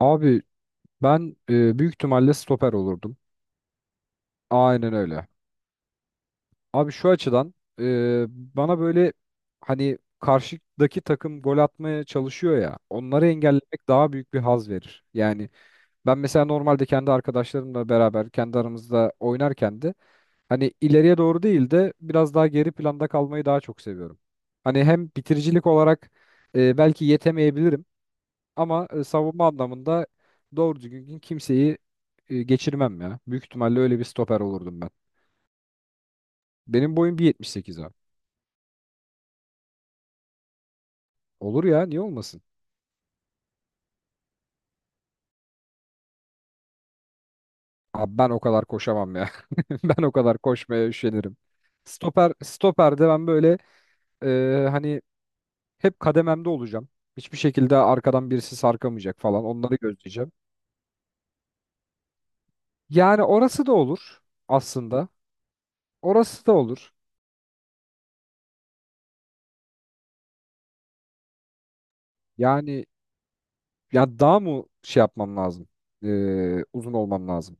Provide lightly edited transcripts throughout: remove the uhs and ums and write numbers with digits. Abi ben büyük ihtimalle stoper olurdum. Aynen öyle. Abi şu açıdan e, bana böyle hani karşıdaki takım gol atmaya çalışıyor ya onları engellemek daha büyük bir haz verir. Yani ben mesela normalde kendi arkadaşlarımla beraber kendi aramızda oynarken de hani ileriye doğru değil de biraz daha geri planda kalmayı daha çok seviyorum. Hani hem bitiricilik olarak belki yetemeyebilirim. Ama savunma anlamında doğru düzgün kimseyi geçirmem ya. Büyük ihtimalle öyle bir stoper olurdum ben. Benim boyum 1.78 abi. Olur ya niye olmasın? Abi ben o kadar koşamam ya. Ben o kadar koşmaya üşenirim. Stoper stoperde ben böyle hani hep kadememde olacağım. Hiçbir şekilde arkadan birisi sarkamayacak falan. Onları gözleyeceğim. Yani orası da olur aslında. Orası da olur. Yani ya daha mı şey yapmam lazım? E, Uzun olmam lazım.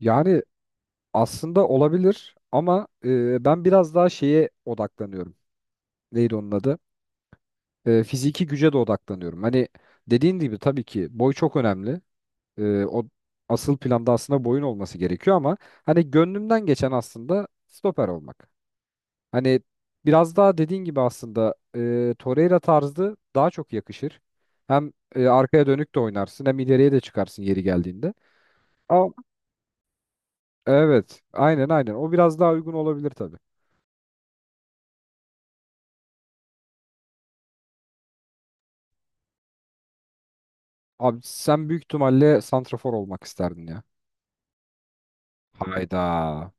Yani aslında olabilir ama ben biraz daha şeye odaklanıyorum. Neydi onun adı? Fiziki güce de odaklanıyorum. Hani dediğin gibi tabii ki boy çok önemli. O asıl planda aslında boyun olması gerekiyor ama hani gönlümden geçen aslında stoper olmak. Hani biraz daha dediğin gibi aslında Torreira tarzı daha çok yakışır. Hem arkaya dönük de oynarsın hem ileriye de çıkarsın yeri geldiğinde. Ama evet, aynen aynen, o biraz daha uygun olabilir tabii. Abi sen büyük ihtimalle santrafor olmak isterdin ya. Evet. Hayda.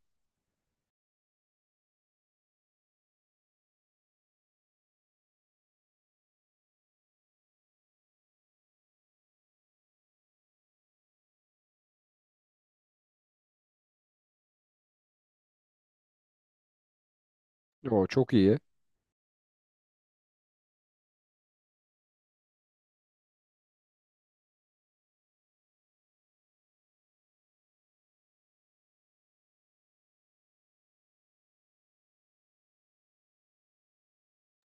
O çok iyi.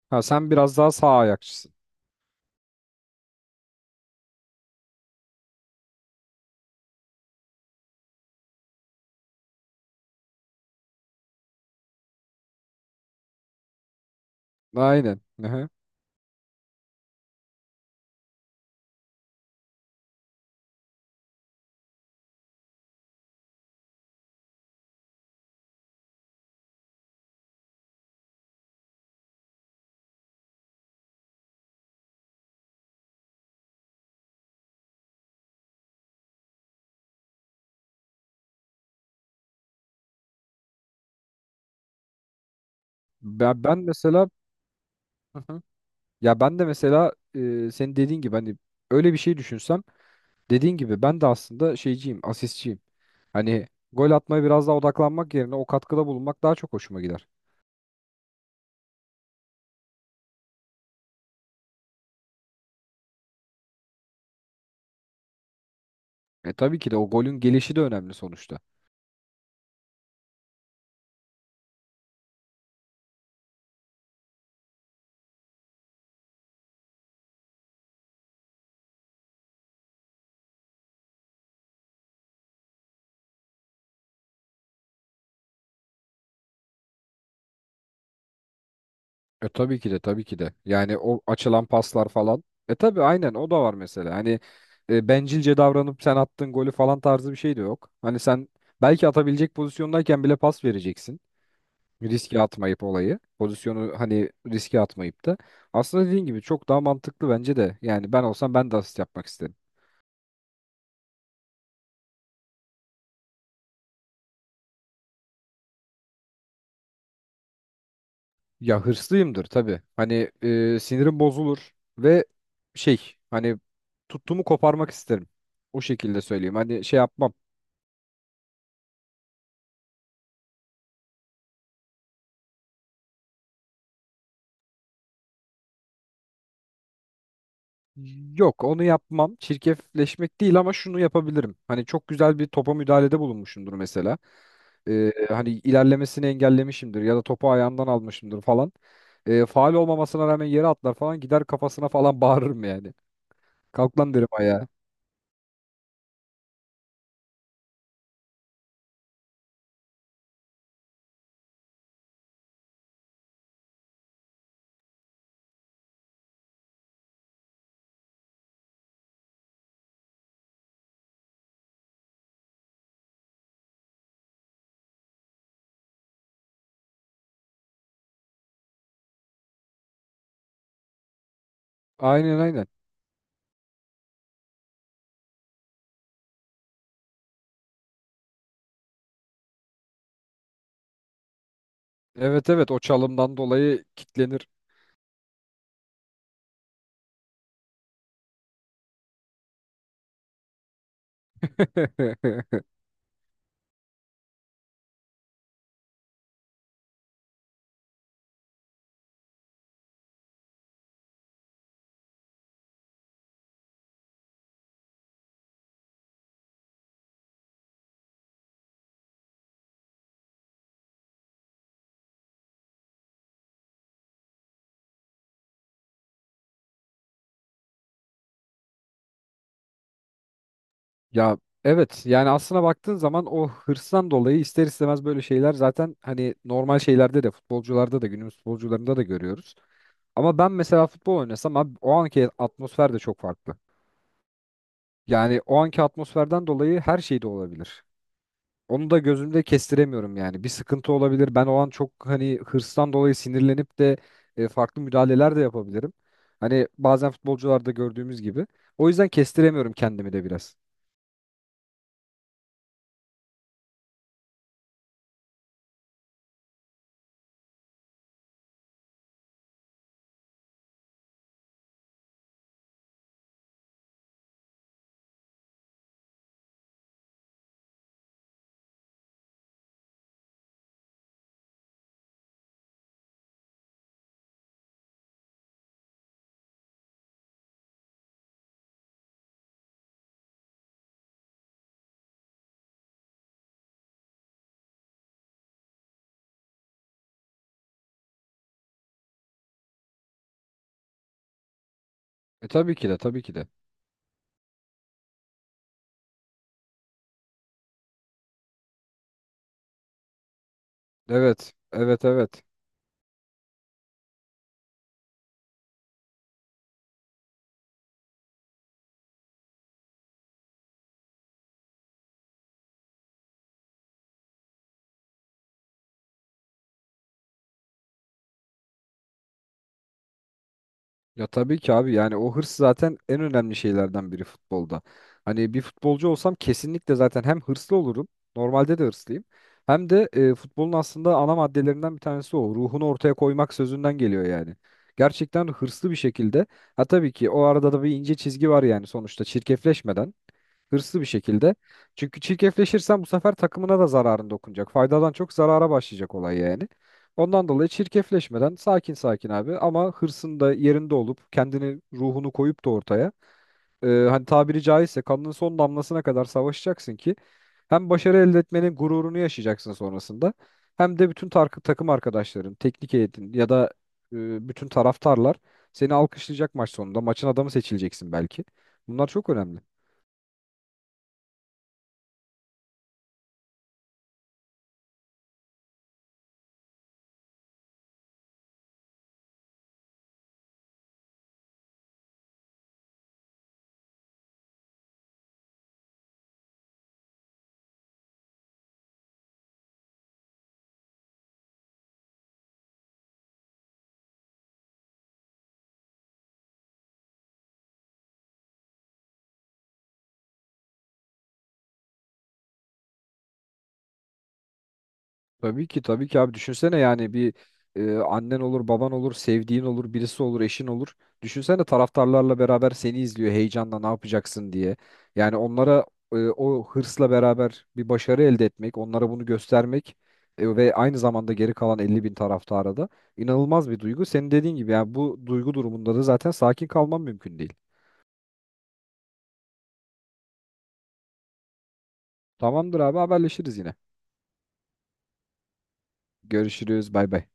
Ha sen biraz daha sağ ayakçısın. Aynen. Hı. Ben mesela. Hı hı. Ya ben de mesela senin dediğin gibi hani öyle bir şey düşünsem, dediğin gibi ben de aslında şeyciyim, asistçiyim. Hani gol atmaya biraz daha odaklanmak yerine o katkıda bulunmak daha çok hoşuma gider. Tabii ki de o golün gelişi de önemli sonuçta. Tabii ki de tabii ki de. Yani o açılan paslar falan. Tabii aynen o da var mesela. Hani bencilce davranıp sen attığın golü falan tarzı bir şey de yok. Hani sen belki atabilecek pozisyondayken bile pas vereceksin. Riske atmayıp olayı. Pozisyonu hani riske atmayıp da. Aslında dediğin gibi çok daha mantıklı bence de. Yani ben olsam ben de asist yapmak isterim. Ya hırslıyımdır tabii. Hani sinirim bozulur ve şey hani tuttuğumu koparmak isterim. O şekilde söyleyeyim. Hani şey yapmam. Yok, onu yapmam. Çirkefleşmek değil ama şunu yapabilirim. Hani çok güzel bir topa müdahalede bulunmuşumdur mesela. Hani ilerlemesini engellemişimdir ya da topu ayağından almışımdır falan. Faul olmamasına rağmen yere atlar falan, gider kafasına falan bağırırım yani. Kalk lan derim ayağa. Aynen aynen. Evet evet, o çalımdan dolayı kitlenir. Ya evet, yani aslına baktığın zaman o hırstan dolayı ister istemez böyle şeyler zaten hani normal şeylerde de, futbolcularda da, günümüz futbolcularında da görüyoruz. Ama ben mesela futbol oynasam abi, o anki atmosfer de çok farklı. Yani o anki atmosferden dolayı her şey de olabilir. Onu da gözümde kestiremiyorum yani. Bir sıkıntı olabilir. Ben o an çok hani hırstan dolayı sinirlenip de farklı müdahaleler de yapabilirim. Hani bazen futbolcularda gördüğümüz gibi. O yüzden kestiremiyorum kendimi de biraz. Tabii ki de tabii ki de. Evet, evet, evet. Ya tabii ki abi, yani o hırs zaten en önemli şeylerden biri futbolda. Hani bir futbolcu olsam kesinlikle zaten hem hırslı olurum, normalde de hırslıyım. Hem de futbolun aslında ana maddelerinden bir tanesi o. Ruhunu ortaya koymak sözünden geliyor yani. Gerçekten hırslı bir şekilde. Ha tabii ki, o arada da bir ince çizgi var yani, sonuçta çirkefleşmeden, hırslı bir şekilde. Çünkü çirkefleşirsen bu sefer takımına da zararın dokunacak. Faydadan çok zarara başlayacak olay yani. Ondan dolayı çirkefleşmeden, sakin sakin abi, ama hırsın da yerinde olup kendini, ruhunu koyup da ortaya hani tabiri caizse kanının son damlasına kadar savaşacaksın ki hem başarı elde etmenin gururunu yaşayacaksın sonrasında, hem de bütün takım arkadaşların, teknik heyetin ya da bütün taraftarlar seni alkışlayacak maç sonunda. Maçın adamı seçileceksin belki. Bunlar çok önemli. Tabii ki tabii ki abi, düşünsene yani bir annen olur, baban olur, sevdiğin olur, birisi olur, eşin olur. Düşünsene taraftarlarla beraber seni izliyor heyecanla ne yapacaksın diye. Yani onlara o hırsla beraber bir başarı elde etmek, onlara bunu göstermek ve aynı zamanda geri kalan 50 bin taraftara da inanılmaz bir duygu. Senin dediğin gibi yani bu duygu durumunda da zaten sakin kalmam mümkün değil. Tamamdır abi, haberleşiriz yine. Görüşürüz, bay bay.